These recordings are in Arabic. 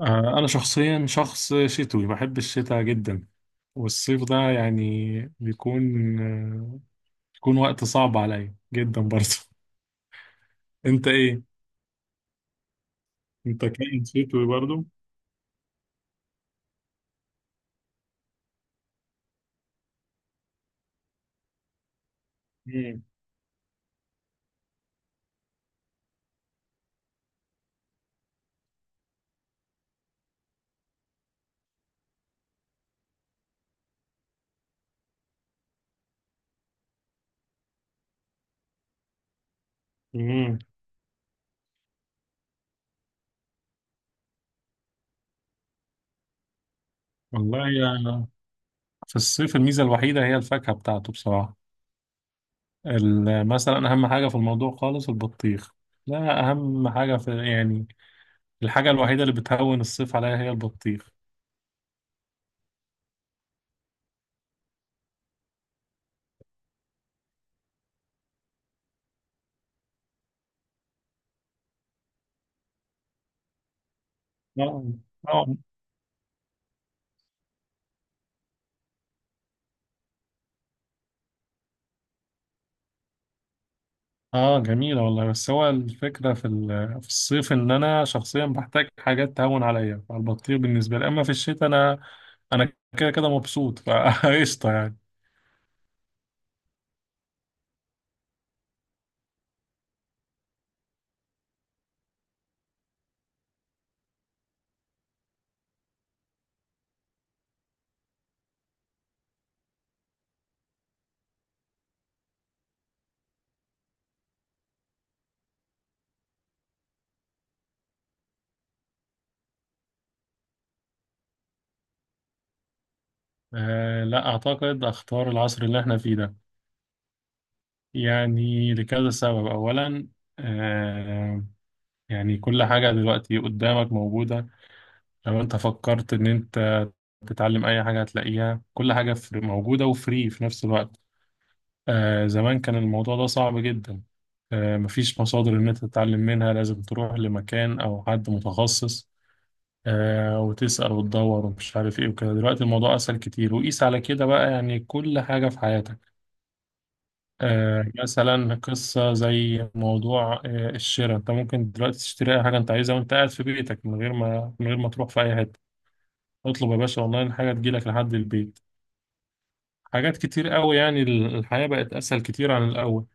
أنا شخصيا شخص شتوي بحب الشتاء جدا، والصيف ده يعني بيكون آه، بيكون وقت صعب عليا جدا برضه. أنت إيه؟ أنت كائن شتوي برضه؟ مم. مم. والله يعني في الصيف الميزة الوحيدة هي الفاكهة بتاعته بصراحة. مثلا أهم حاجة في الموضوع خالص البطيخ. لا، أهم حاجة في يعني الحاجة الوحيدة اللي بتهون الصيف عليا هي البطيخ. آه. اه، جميلة والله، بس هو الفكرة في الصيف ان انا شخصيا بحتاج حاجات تهون عليا، فالبطيخ بالنسبة لي، اما في الشتاء انا كده كده مبسوط فقشطة يعني. لا، اعتقد اختار العصر اللي احنا فيه ده، يعني لكذا سبب. اولا، آه يعني كل حاجة دلوقتي قدامك موجودة. لو انت فكرت ان انت تتعلم اي حاجة هتلاقيها، كل حاجة موجودة وفري في نفس الوقت. زمان كان الموضوع ده صعب جدا. مفيش مصادر إن أنت تتعلم منها، لازم تروح لمكان أو حد متخصص وتسأل وتدور ومش عارف إيه وكده. دلوقتي الموضوع أسهل كتير، وقيس على كده بقى، يعني كل حاجة في حياتك. مثلا قصة زي موضوع الشراء، أنت ممكن دلوقتي تشتري أي حاجة أنت عايزها وأنت قاعد في بيتك، من غير ما تروح في أي حتة. اطلب يا باشا أونلاين حاجة تجيلك لحد البيت. حاجات كتير قوي، يعني الحياة بقت أسهل كتير عن الأول.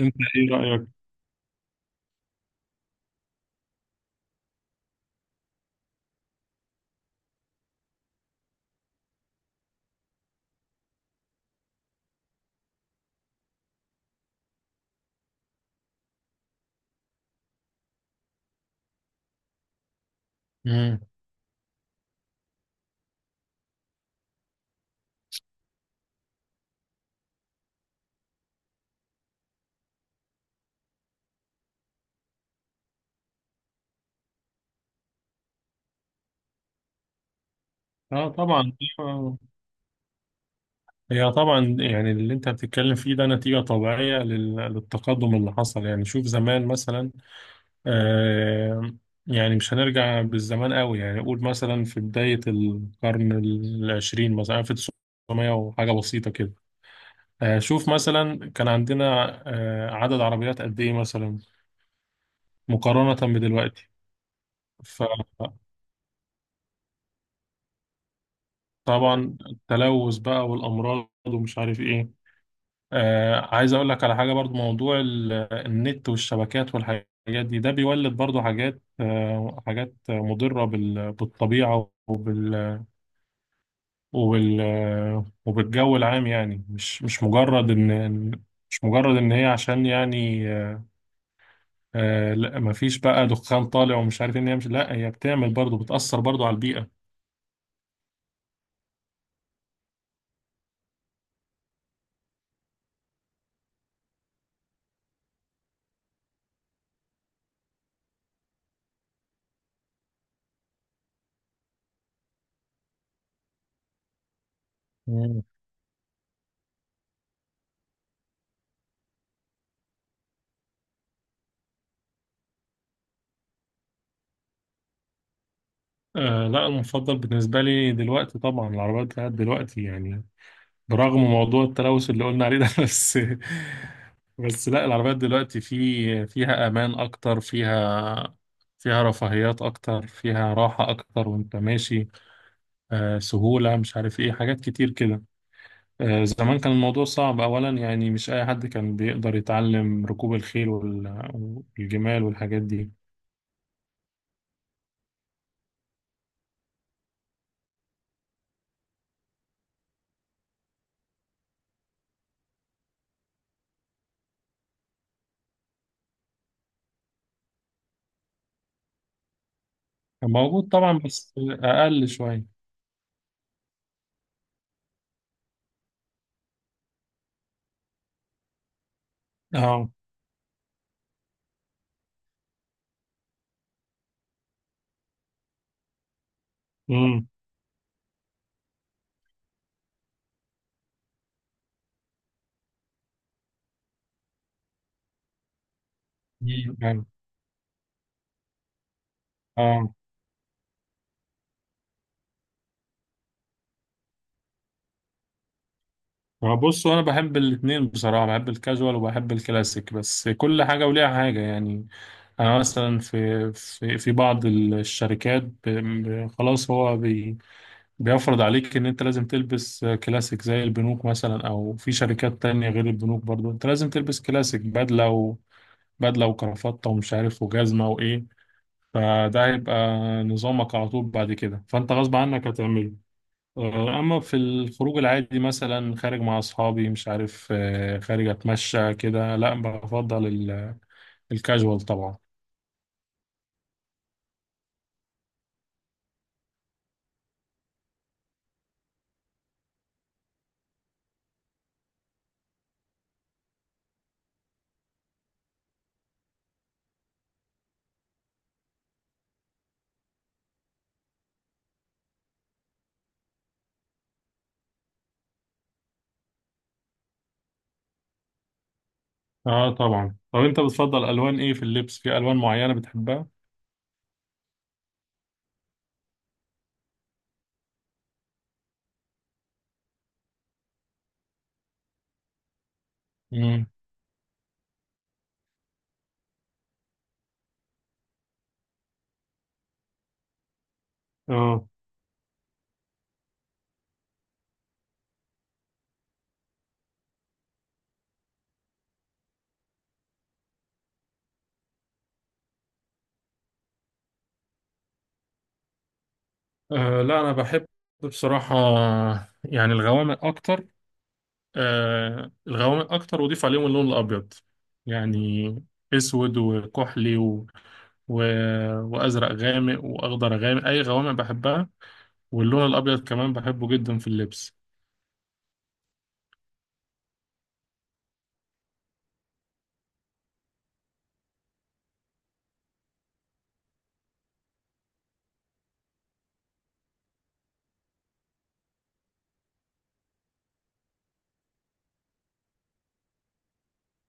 أنت إيه رأيك؟ مم. اه طبعا. هي طبعا يعني اللي انت بتتكلم فيه ده نتيجة طبيعية للتقدم اللي حصل. يعني شوف زمان مثلا، آه يعني مش هنرجع بالزمان قوي، يعني قول مثلا في بداية القرن العشرين، مثلا 1900 وحاجة بسيطة كده. شوف مثلا كان عندنا عدد عربيات قد ايه مثلا مقارنة بدلوقتي؟ فطبعا التلوث بقى والأمراض ومش عارف ايه. عايز اقول لك على حاجه برضو، موضوع النت والشبكات والحاجات دي، ده بيولد برضو حاجات، حاجات مضره بالطبيعه وبال وبالجو العام، يعني مش مجرد ان إن- مش مجرد ان هي عشان يعني، لا، مفيش بقى دخان طالع ومش عارف إيه، ان هي مش، لا، هي بتعمل برضو، بتاثر برضو على البيئه. مم. لا، المفضل بالنسبه لي دلوقتي طبعا العربيات بتاعت دلوقتي يعني، برغم موضوع التلوث اللي قلنا عليه ده بس لا، العربيات دلوقتي فيها امان اكتر، فيها فيها رفاهيات اكتر، فيها راحة اكتر وانت ماشي، سهولة، مش عارف ايه، حاجات كتير كده. زمان كان الموضوع صعب اولا، يعني مش اي حد كان بيقدر يتعلم ركوب الخيل والجمال والحاجات دي. كان موجود طبعا بس اقل شوية. اه. امم. أيوة. اه، ما بص، انا بحب الاتنين بصراحه، بحب الكاجوال وبحب الكلاسيك، بس كل حاجه وليها حاجه يعني. انا مثلا في بعض الشركات، خلاص هو بيفرض عليك ان انت لازم تلبس كلاسيك زي البنوك مثلا، او في شركات تانية غير البنوك برضو انت لازم تلبس كلاسيك، بدله وبدله وكرافطه ومش عارف وجزمه وايه. فده هيبقى نظامك على طول بعد كده، فانت غصب عنك هتعمله. اما في الخروج العادي مثلا خارج مع اصحابي، مش عارف، خارج اتمشى كده، لا، بفضل الكاجوال طبعا. اه طبعا. طب انت بتفضل الوان ايه في اللبس؟ في الوان معينة بتحبها؟ امم. اه. لا، انا بحب بصراحة يعني الغوامق اكتر. الغوامق اكتر واضيف عليهم اللون الابيض، يعني اسود وكحلي و... وازرق غامق واخضر غامق، اي غوامق بحبها. واللون الأبيض كمان بحبه جدا في اللبس.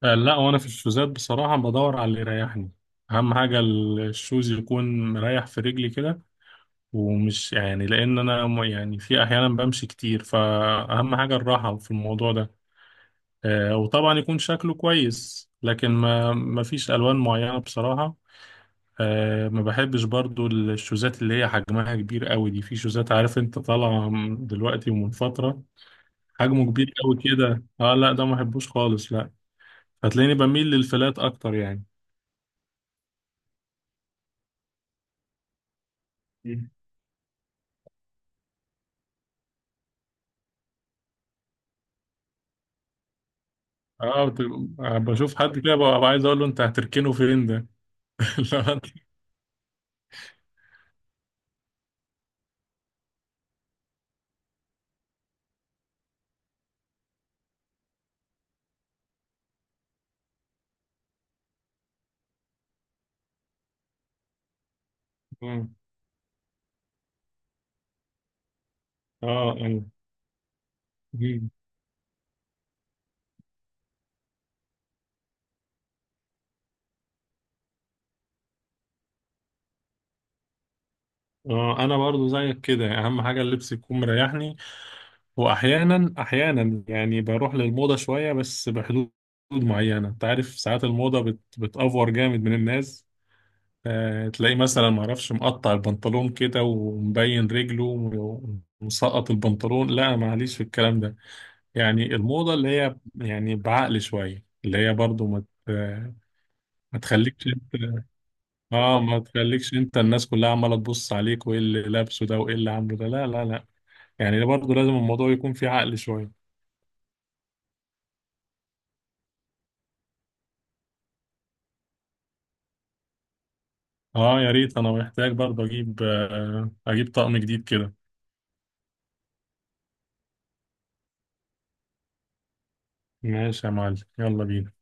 لا، وأنا في الشوزات بصراحة بدور على اللي يريحني. أهم حاجة الشوز يكون مريح في رجلي كده، ومش يعني لأن أنا يعني في أحيانا بمشي كتير، فأهم حاجة الراحة في الموضوع ده. وطبعا يكون شكله كويس، لكن ما فيش ألوان معينة بصراحة. ما بحبش برضو الشوزات اللي هي حجمها كبير قوي دي، في شوزات عارف انت طالعة دلوقتي من فترة، حجمه كبير قوي كده. اه لا، ده ما بحبوش خالص، لا. هتلاقيني بميل للفلات اكتر يعني. مم. اه بشوف حد كده ببقى عايز اقول له انت هتركنه فين ده. لو أنت- اه. اه. أيوة. مم. اه انا برضو زيك كده، اهم حاجه اللبس يكون مريحني. واحيانا احيانا يعني بروح للموضه شويه، بس بحدود معينه، انت عارف ساعات الموضه بتأفور جامد من الناس. تلاقيه مثلا ما اعرفش مقطع البنطلون كده ومبين رجله، ومسقط البنطلون، لا معليش في الكلام ده، يعني الموضة اللي هي يعني بعقل شوية، اللي هي برضو ت- ما تخليكش انت. اه، ما تخليكش انت الناس كلها عمالة تبص عليك وايه اللي لابسه ده وايه اللي عامله ده، لا لا لا، يعني ده برضو لازم الموضوع يكون فيه عقل شوية. اه يا ريت، انا محتاج برضو اجيب طقم جديد كده. ماشي يا معلم، يلا بينا.